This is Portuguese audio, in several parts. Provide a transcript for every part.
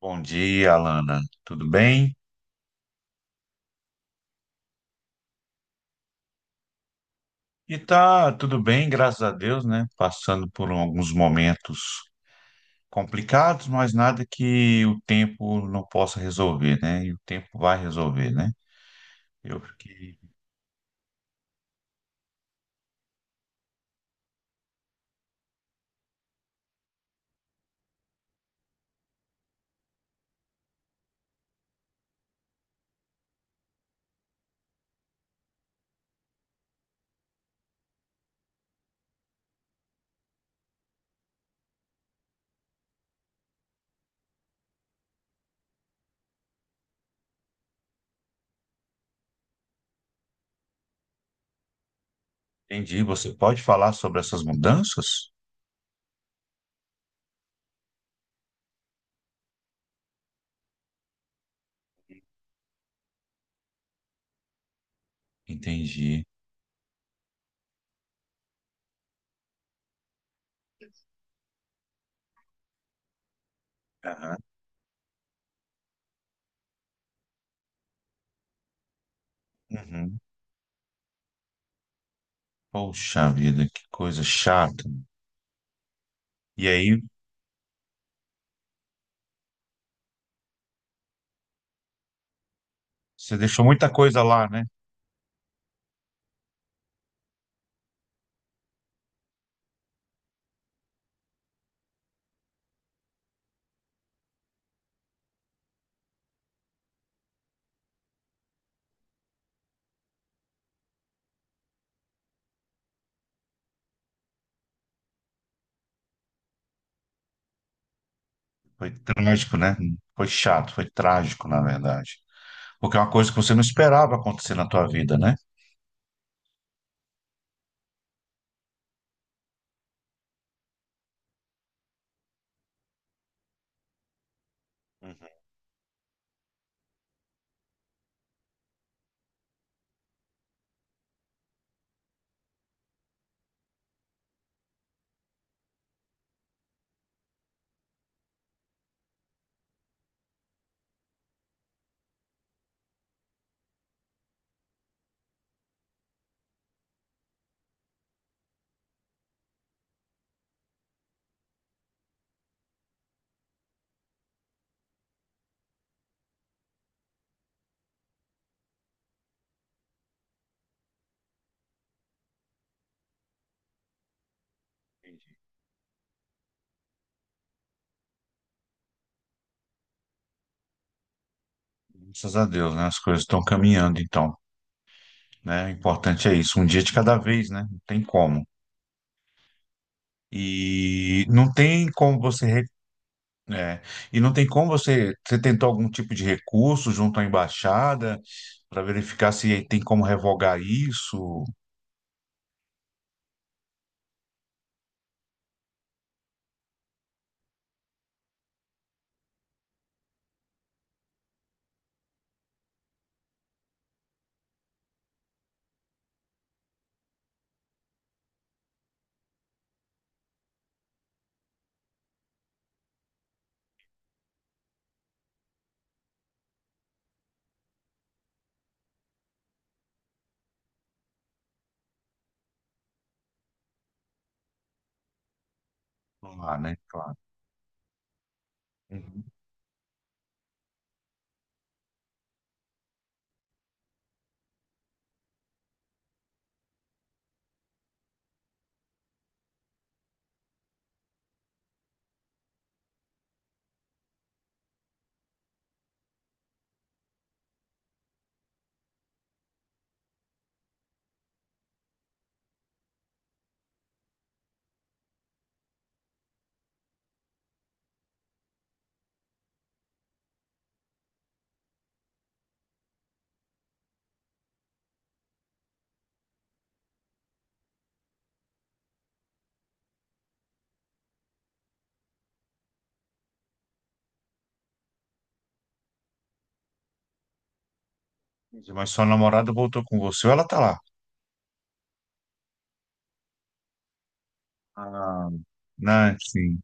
Bom dia, Alana. Tudo bem? E tá tudo bem, graças a Deus, né? Passando por alguns momentos complicados, mas nada que o tempo não possa resolver, né? E o tempo vai resolver, né? Eu fiquei... Entendi. Você pode falar sobre essas mudanças? Entendi. Aham. Uhum. Poxa vida, que coisa chata. E aí, você deixou muita coisa lá, né? Foi trágico, né? Foi chato, foi trágico, na verdade. Porque é uma coisa que você não esperava acontecer na tua vida, né? Uhum. Graças a Deus, né? As coisas estão caminhando, então, né? O importante é isso, um dia de cada vez, né? Não tem como. E não tem como você, é, e não tem como você, você tentou algum tipo de recurso junto à embaixada para verificar se tem como revogar isso lá, né? Claro. Uhum. Mas sua namorada voltou com você, ou ela tá lá? Ah, né? Sim.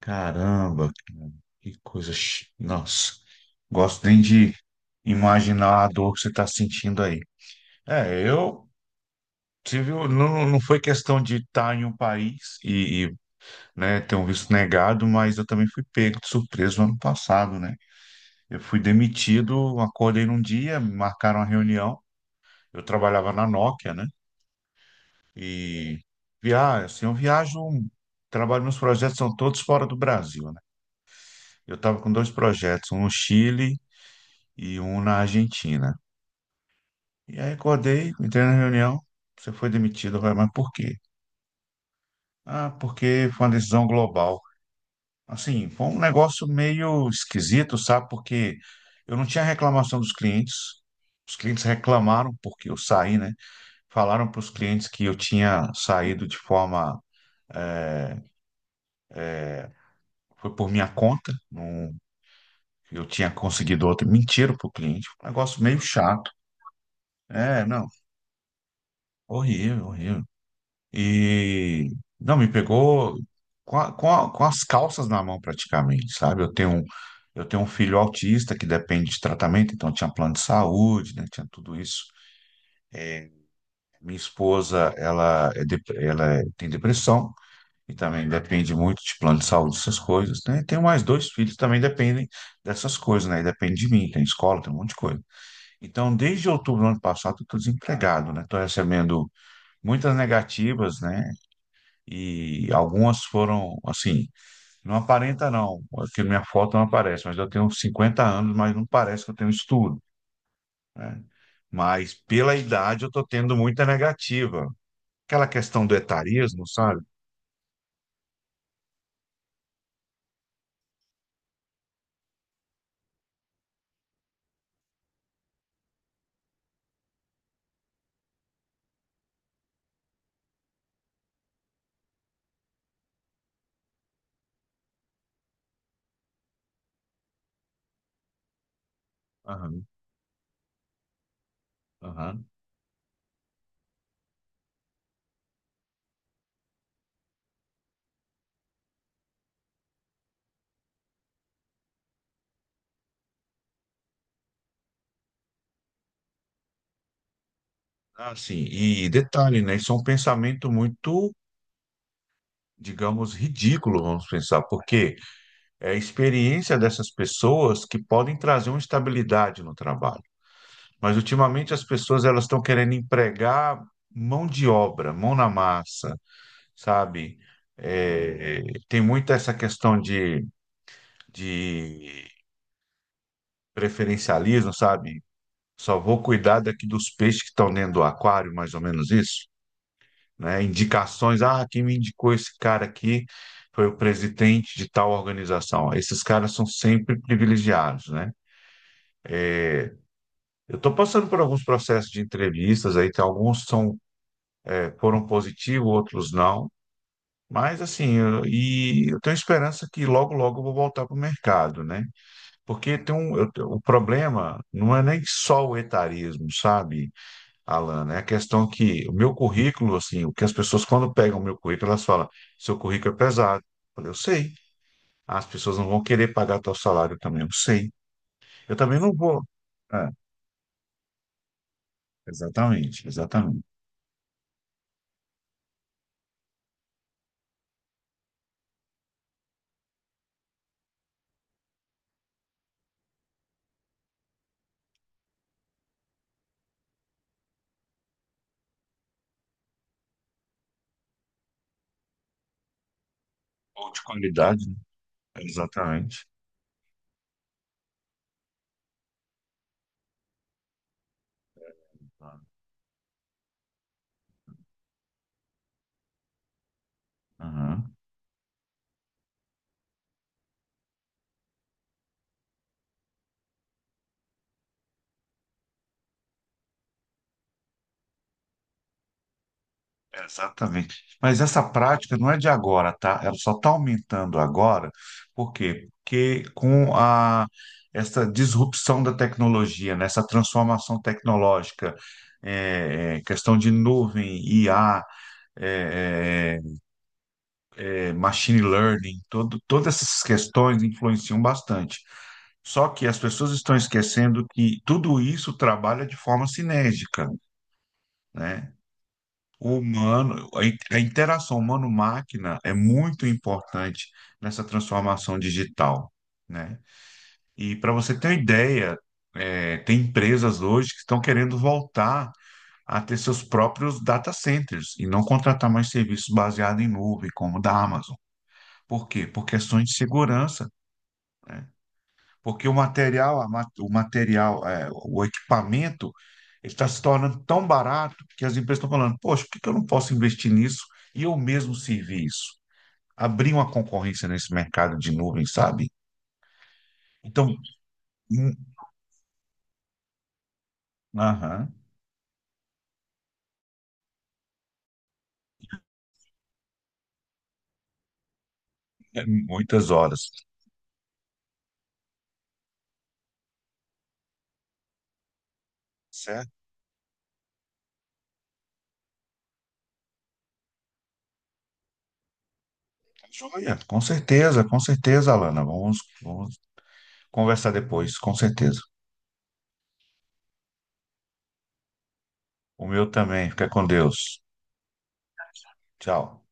Caramba, cara, que coisa. Nossa, gosto nem de imaginar a dor que você está sentindo aí. Eu Não, não foi questão de estar em um país né, ter um visto negado, mas eu também fui pego de surpresa no ano passado, né? Eu fui demitido, acordei num dia, me marcaram uma reunião. Eu trabalhava na Nokia, né? E viajo, assim, eu viajo, trabalho, meus projetos são todos fora do Brasil, né? Eu estava com dois projetos, um no Chile e um na Argentina. E aí acordei, entrei na reunião, você foi demitido, vai, mas por quê? Ah, porque foi uma decisão global. Assim, foi um negócio meio esquisito, sabe? Porque eu não tinha reclamação dos clientes. Os clientes reclamaram porque eu saí, né? Falaram para os clientes que eu tinha saído de forma, eh, foi por minha conta, não, eu tinha conseguido outro. Mentiram para o cliente. Um negócio meio chato. É, não, horrível, horrível. E não, me pegou com as calças na mão praticamente, sabe? Eu tenho um filho autista que depende de tratamento, então tinha plano de saúde, né? Tinha tudo isso. Minha esposa, ela, tem depressão e também depende muito de plano de saúde, essas coisas, né? Tenho mais dois filhos que também dependem dessas coisas, né? E depende de mim, tem escola, tem um monte de coisa. Então, desde outubro do ano passado, eu estou desempregado, né? Estou recebendo muitas negativas, né? E algumas foram, assim, não aparenta não, porque minha foto não aparece, mas eu tenho 50 anos, mas não parece que eu tenho estudo, né? Mas pela idade eu estou tendo muita negativa. Aquela questão do etarismo, sabe? Aham, aham. Assim, e detalhe, né? Isso é um pensamento muito, digamos, ridículo, vamos pensar, porque é a experiência dessas pessoas que podem trazer uma estabilidade no trabalho. Mas ultimamente as pessoas elas estão querendo empregar mão de obra, mão na massa, sabe? É, tem muito essa questão de preferencialismo, sabe? Só vou cuidar daqui dos peixes que estão dentro do aquário, mais ou menos isso, né? Indicações, ah, quem me indicou esse cara aqui foi o presidente de tal organização. Esses caras são sempre privilegiados, né? Eu estou passando por alguns processos de entrevistas aí, tem alguns são, foram positivos, outros não. Mas assim, e eu tenho esperança que logo, logo eu vou voltar para o mercado, né? Porque o problema não é nem só o etarismo, sabe, Alan? É a questão que o meu currículo, assim, o que as pessoas quando pegam o meu currículo, elas falam, seu currículo é pesado. Eu falei, eu sei. As pessoas não vão querer pagar tal salário também, eu sei. Eu também não vou. É, exatamente, exatamente. Ou de qualidade, né? Exatamente. Aham. Exatamente. Mas essa prática não é de agora, tá? Ela só está aumentando agora. Por quê? Porque com a, essa disrupção da tecnologia, né? Essa transformação tecnológica, questão de nuvem, IA, é, machine learning, todo, todas essas questões influenciam bastante. Só que as pessoas estão esquecendo que tudo isso trabalha de forma sinérgica. Né? O humano, a interação humano-máquina é muito importante nessa transformação digital, né? E para você ter uma ideia, é, tem empresas hoje que estão querendo voltar a ter seus próprios data centers e não contratar mais serviços baseados em nuvem, como o da Amazon. Por quê? Por questões de segurança. Porque o material, é, o equipamento, ele está se tornando tão barato que as empresas estão falando, poxa, por que que eu não posso investir nisso e eu mesmo servir isso? Abrir uma concorrência nesse mercado de nuvem, sabe? Então, hum, aham, é muitas horas. Certo? Tá joia, com certeza, Alana. Vamos, vamos conversar depois, com certeza. O meu também. Fica com Deus. Tchau.